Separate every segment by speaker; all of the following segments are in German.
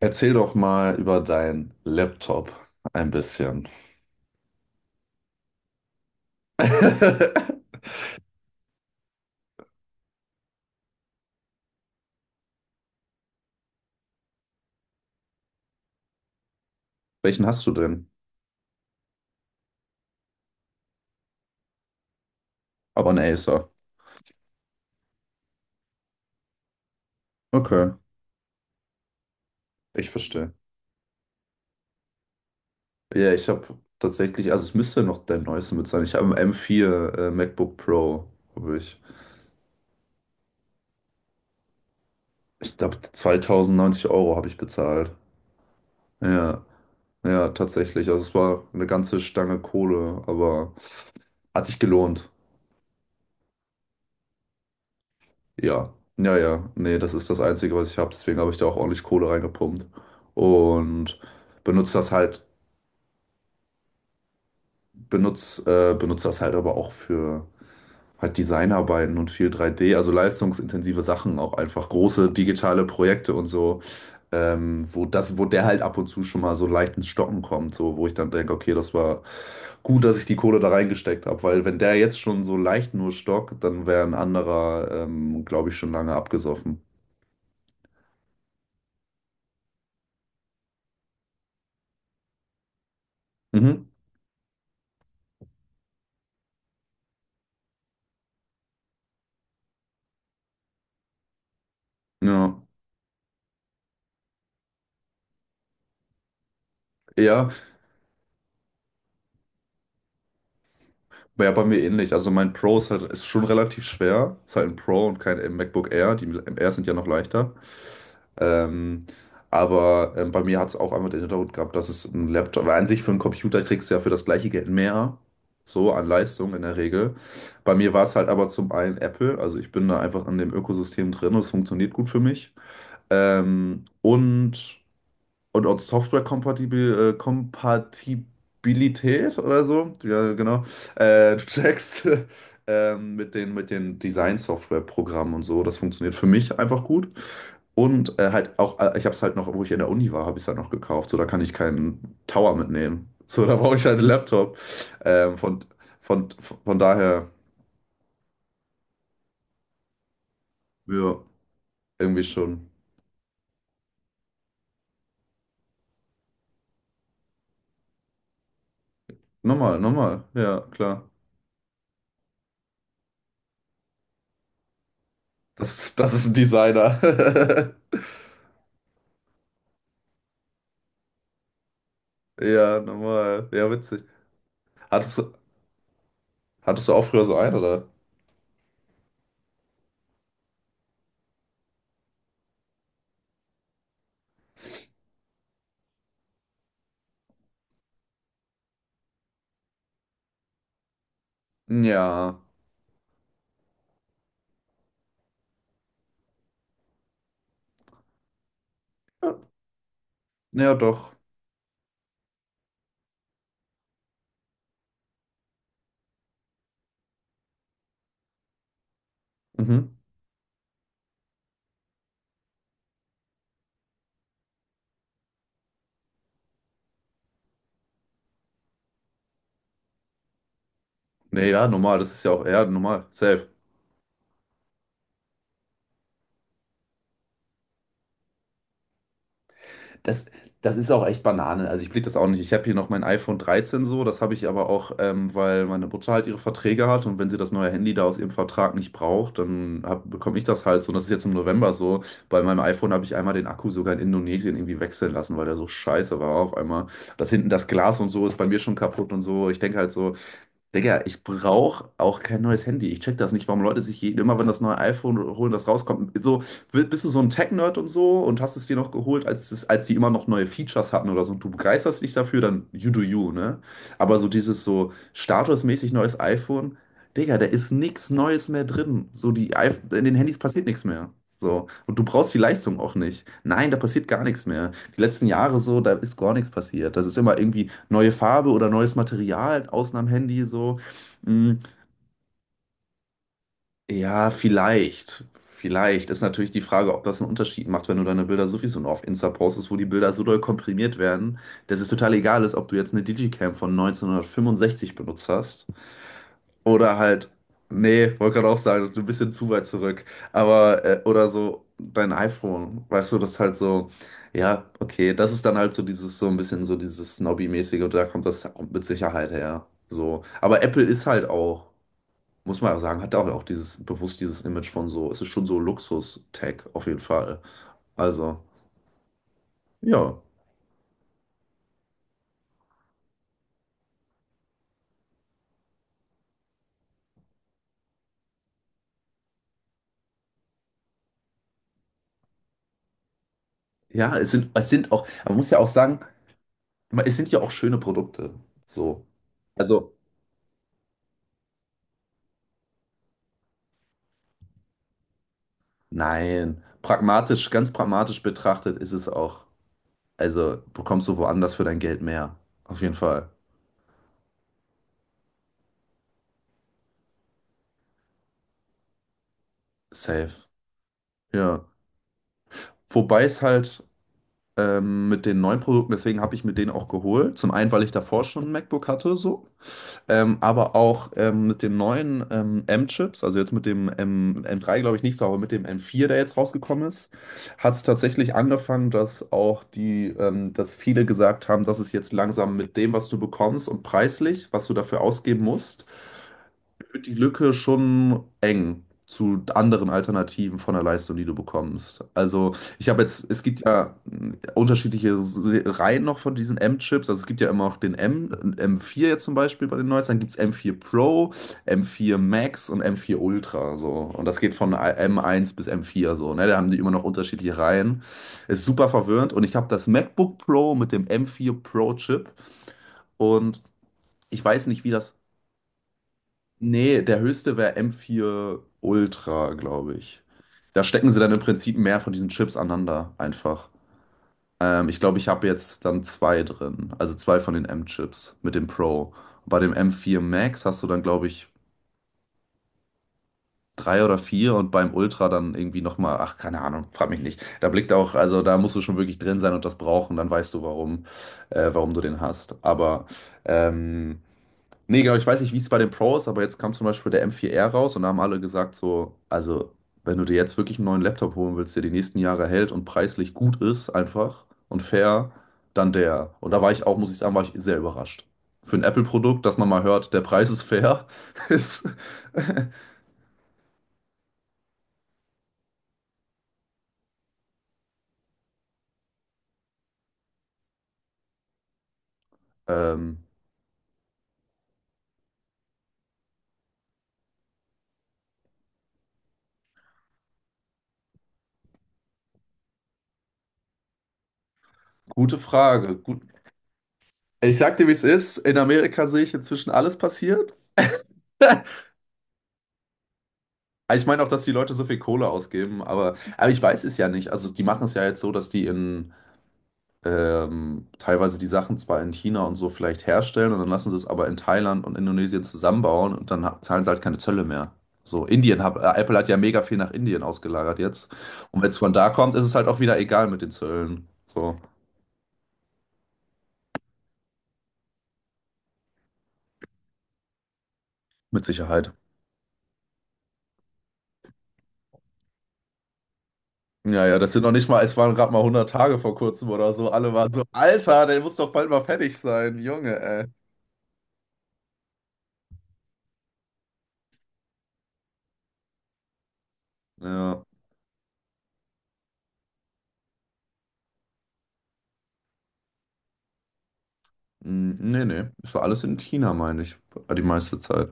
Speaker 1: Erzähl doch mal über deinen Laptop ein bisschen. Welchen hast du denn? Aber ein Acer. Okay, ich verstehe. Ja, ich habe tatsächlich, also es müsste noch der neueste mit sein. Ich habe einen m vier MacBook Pro, habe ich. Ich glaube, 2090 Euro habe ich bezahlt. Ja, ja, tatsächlich. Also es war eine ganze Stange Kohle, aber hat sich gelohnt. Ja, ja, ja. Nee, das ist das Einzige, was ich habe. Deswegen habe ich da auch ordentlich Kohle reingepumpt. Und benutze das halt, benutze das halt aber auch für halt Designarbeiten und viel 3D, also leistungsintensive Sachen, auch einfach große digitale Projekte und so, wo das, wo der halt ab und zu schon mal so leicht ins Stocken kommt, so wo ich dann denke, okay, das war gut, dass ich die Kohle da reingesteckt habe, weil wenn der jetzt schon so leicht nur stockt, dann wäre ein anderer, glaube ich, schon lange abgesoffen. Mhm. Ja. Ja, ja, bei mir ähnlich. Also mein Pro ist halt, ist schon relativ schwer. Ist halt ein Pro und kein MacBook Air. Die Air sind ja noch leichter. Ähm, aber bei mir hat es auch einfach den Hintergrund gehabt, dass es ein Laptop, weil an sich für einen Computer kriegst du ja für das gleiche Geld mehr, so an Leistung in der Regel. Bei mir war es halt aber zum einen Apple, also ich bin da einfach in dem Ökosystem drin und es funktioniert gut für mich. Und und auch Kompatibilität oder so, ja genau, du checkst mit den Design-Software-Programmen und so. Das funktioniert für mich einfach gut. Und halt auch, ich habe es halt noch, wo ich in der Uni war, habe ich es halt noch gekauft. So, da kann ich keinen Tower mitnehmen. So, da brauche ich halt einen Laptop. Ähm, von, von, von daher, ja, irgendwie schon. Normal, normal, ja, klar. Das, das ist ein Designer. Ja, normal. Ja, witzig. Hattest du, hattest du auch früher so einen, oder? Ja. Ja, doch. Mhm. Nee, ja, normal. Das ist ja auch, ja, normal. Safe. Das, das ist auch echt Banane. Also ich blick das auch nicht. Ich habe hier noch mein iPhone dreizehn so. Das habe ich aber auch, weil meine Mutter halt ihre Verträge hat. Und wenn sie das neue Handy da aus ihrem Vertrag nicht braucht, dann hab, bekomme ich das halt so. Und das ist jetzt im November so. Bei meinem iPhone habe ich einmal den Akku sogar in Indonesien irgendwie wechseln lassen, weil der so scheiße war auf einmal. Das hinten, das Glas und so ist bei mir schon kaputt und so. Ich denke halt so, Digga, ich brauche auch kein neues Handy. Ich check das nicht, warum Leute sich immer, wenn das neue iPhone holen, das rauskommt. So, bist du so ein Tech-Nerd und so und hast es dir noch geholt, als, es, als die immer noch neue Features hatten oder so und du begeisterst dich dafür, dann you do you, ne? Aber so dieses so statusmäßig neues iPhone, Digga, da ist nichts Neues mehr drin. So, die in den Handys passiert nichts mehr. So, und du brauchst die Leistung auch nicht. Nein, da passiert gar nichts mehr. Die letzten Jahre so, da ist gar nichts passiert. Das ist immer irgendwie neue Farbe oder neues Material, außen am Handy so. Hm, ja, vielleicht. Vielleicht ist natürlich die Frage, ob das einen Unterschied macht, wenn du deine Bilder sowieso nur auf Insta postest, wo die Bilder so doll komprimiert werden, dass es total egal ist, ob du jetzt eine Digicam von 1965 benutzt hast. Oder halt, nee, wollte gerade auch sagen, ein bisschen zu weit zurück. Aber, oder so dein iPhone, weißt du, das ist halt so, ja, okay, das ist dann halt so dieses, so ein bisschen so dieses Snobby-mäßige, und da kommt das mit Sicherheit her. So. Aber Apple ist halt auch, muss man auch sagen, hat auch, auch dieses, bewusst dieses Image von so, es ist schon so Luxus-Tech auf jeden Fall. Also, ja. Ja, es sind auch, man muss ja auch sagen, es sind ja auch schöne Produkte. So. Also, nein, pragmatisch, ganz pragmatisch betrachtet, ist es auch, also bekommst du woanders für dein Geld mehr. Auf jeden Fall. Safe. Ja. Wobei es halt mit den neuen Produkten, deswegen habe ich mir den auch geholt. Zum einen, weil ich davor schon ein MacBook hatte, so, aber auch mit den neuen M-Chips, also jetzt mit dem M M3, glaube ich, nicht so, aber mit dem M4, der jetzt rausgekommen ist, hat es tatsächlich angefangen, dass auch die, dass viele gesagt haben, dass es jetzt langsam mit dem, was du bekommst und preislich, was du dafür ausgeben musst, wird die Lücke schon eng zu anderen Alternativen von der Leistung, die du bekommst. Also ich habe jetzt, es gibt ja mh, unterschiedliche Reihen noch von diesen M-Chips. Also es gibt ja immer noch den M, M4 jetzt zum Beispiel bei den Neuesten. Dann gibt es M4 Pro, M4 Max und M4 Ultra. So. Und das geht von M1 bis M4 so. Ne? Da haben die immer noch unterschiedliche Reihen. Ist super verwirrend. Und ich habe das MacBook Pro mit dem M4 Pro Chip. Und ich weiß nicht, wie das. Nee, der höchste wäre M4 Ultra, glaube ich. Da stecken sie dann im Prinzip mehr von diesen Chips aneinander einfach. Ich glaube, ich habe jetzt dann zwei drin. Also zwei von den M-Chips mit dem Pro. Bei dem M4 Max hast du dann, glaube ich, drei oder vier und beim Ultra dann irgendwie nochmal, ach, keine Ahnung, frag mich nicht. Da blickt auch, also da musst du schon wirklich drin sein und das brauchen, dann weißt du, warum, warum du den hast. Ähm, Nee, genau, ich weiß nicht, wie es bei den Pro ist, aber jetzt kam zum Beispiel der m vier r raus und da haben alle gesagt, so, also, wenn du dir jetzt wirklich einen neuen Laptop holen willst, der die nächsten Jahre hält und preislich gut ist, einfach und fair, dann der. Und da war ich auch, muss ich sagen, war ich sehr überrascht. Für ein Apple-Produkt, dass man mal hört, der Preis ist fair, ist. Ähm, gute Frage. Gut. Ich sag dir, wie es ist. In Amerika sehe ich inzwischen alles passiert. Ich meine auch, dass die Leute so viel Kohle ausgeben, aber ich weiß es ja nicht. Also, die machen es ja jetzt so, dass die in, teilweise die Sachen zwar in China und so vielleicht herstellen und dann lassen sie es aber in Thailand und Indonesien zusammenbauen und dann zahlen sie halt keine Zölle mehr. So, Indien, hat Apple hat ja mega viel nach Indien ausgelagert jetzt. Und wenn es von da kommt, ist es halt auch wieder egal mit den Zöllen. So, mit Sicherheit. Ja, ja, das sind noch nicht mal, es waren gerade mal 100 Tage vor kurzem oder so. Alle waren so, Alter, der muss doch bald mal fertig sein, Junge, ey. Ja, mm, nee, nee, ist war alles in China, meine ich, die meiste Zeit.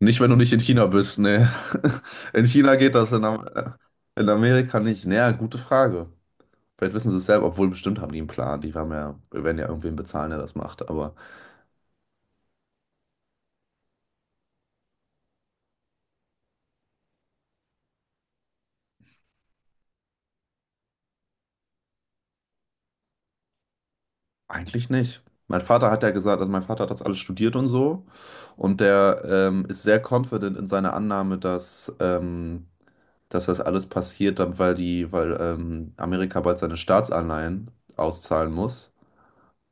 Speaker 1: Nicht, wenn du nicht in China bist, ne. In China geht das, in, Am in Amerika nicht. Naja, gute Frage. Vielleicht wissen sie es selber, obwohl bestimmt haben die einen Plan. Die haben ja, werden ja irgendwen bezahlen, der das macht. Aber eigentlich nicht. Mein Vater hat ja gesagt, also mein Vater hat das alles studiert und so. Und der ist sehr confident in seiner Annahme, dass, dass das alles passiert, dann weil die, weil Amerika bald seine Staatsanleihen auszahlen muss.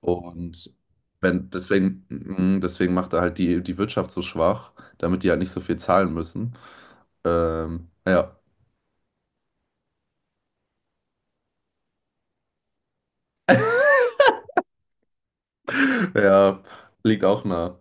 Speaker 1: Und wenn, deswegen, mm, deswegen macht er halt die, die Wirtschaft so schwach, damit die halt nicht so viel zahlen müssen. Ja. Ja, liegt auch nah.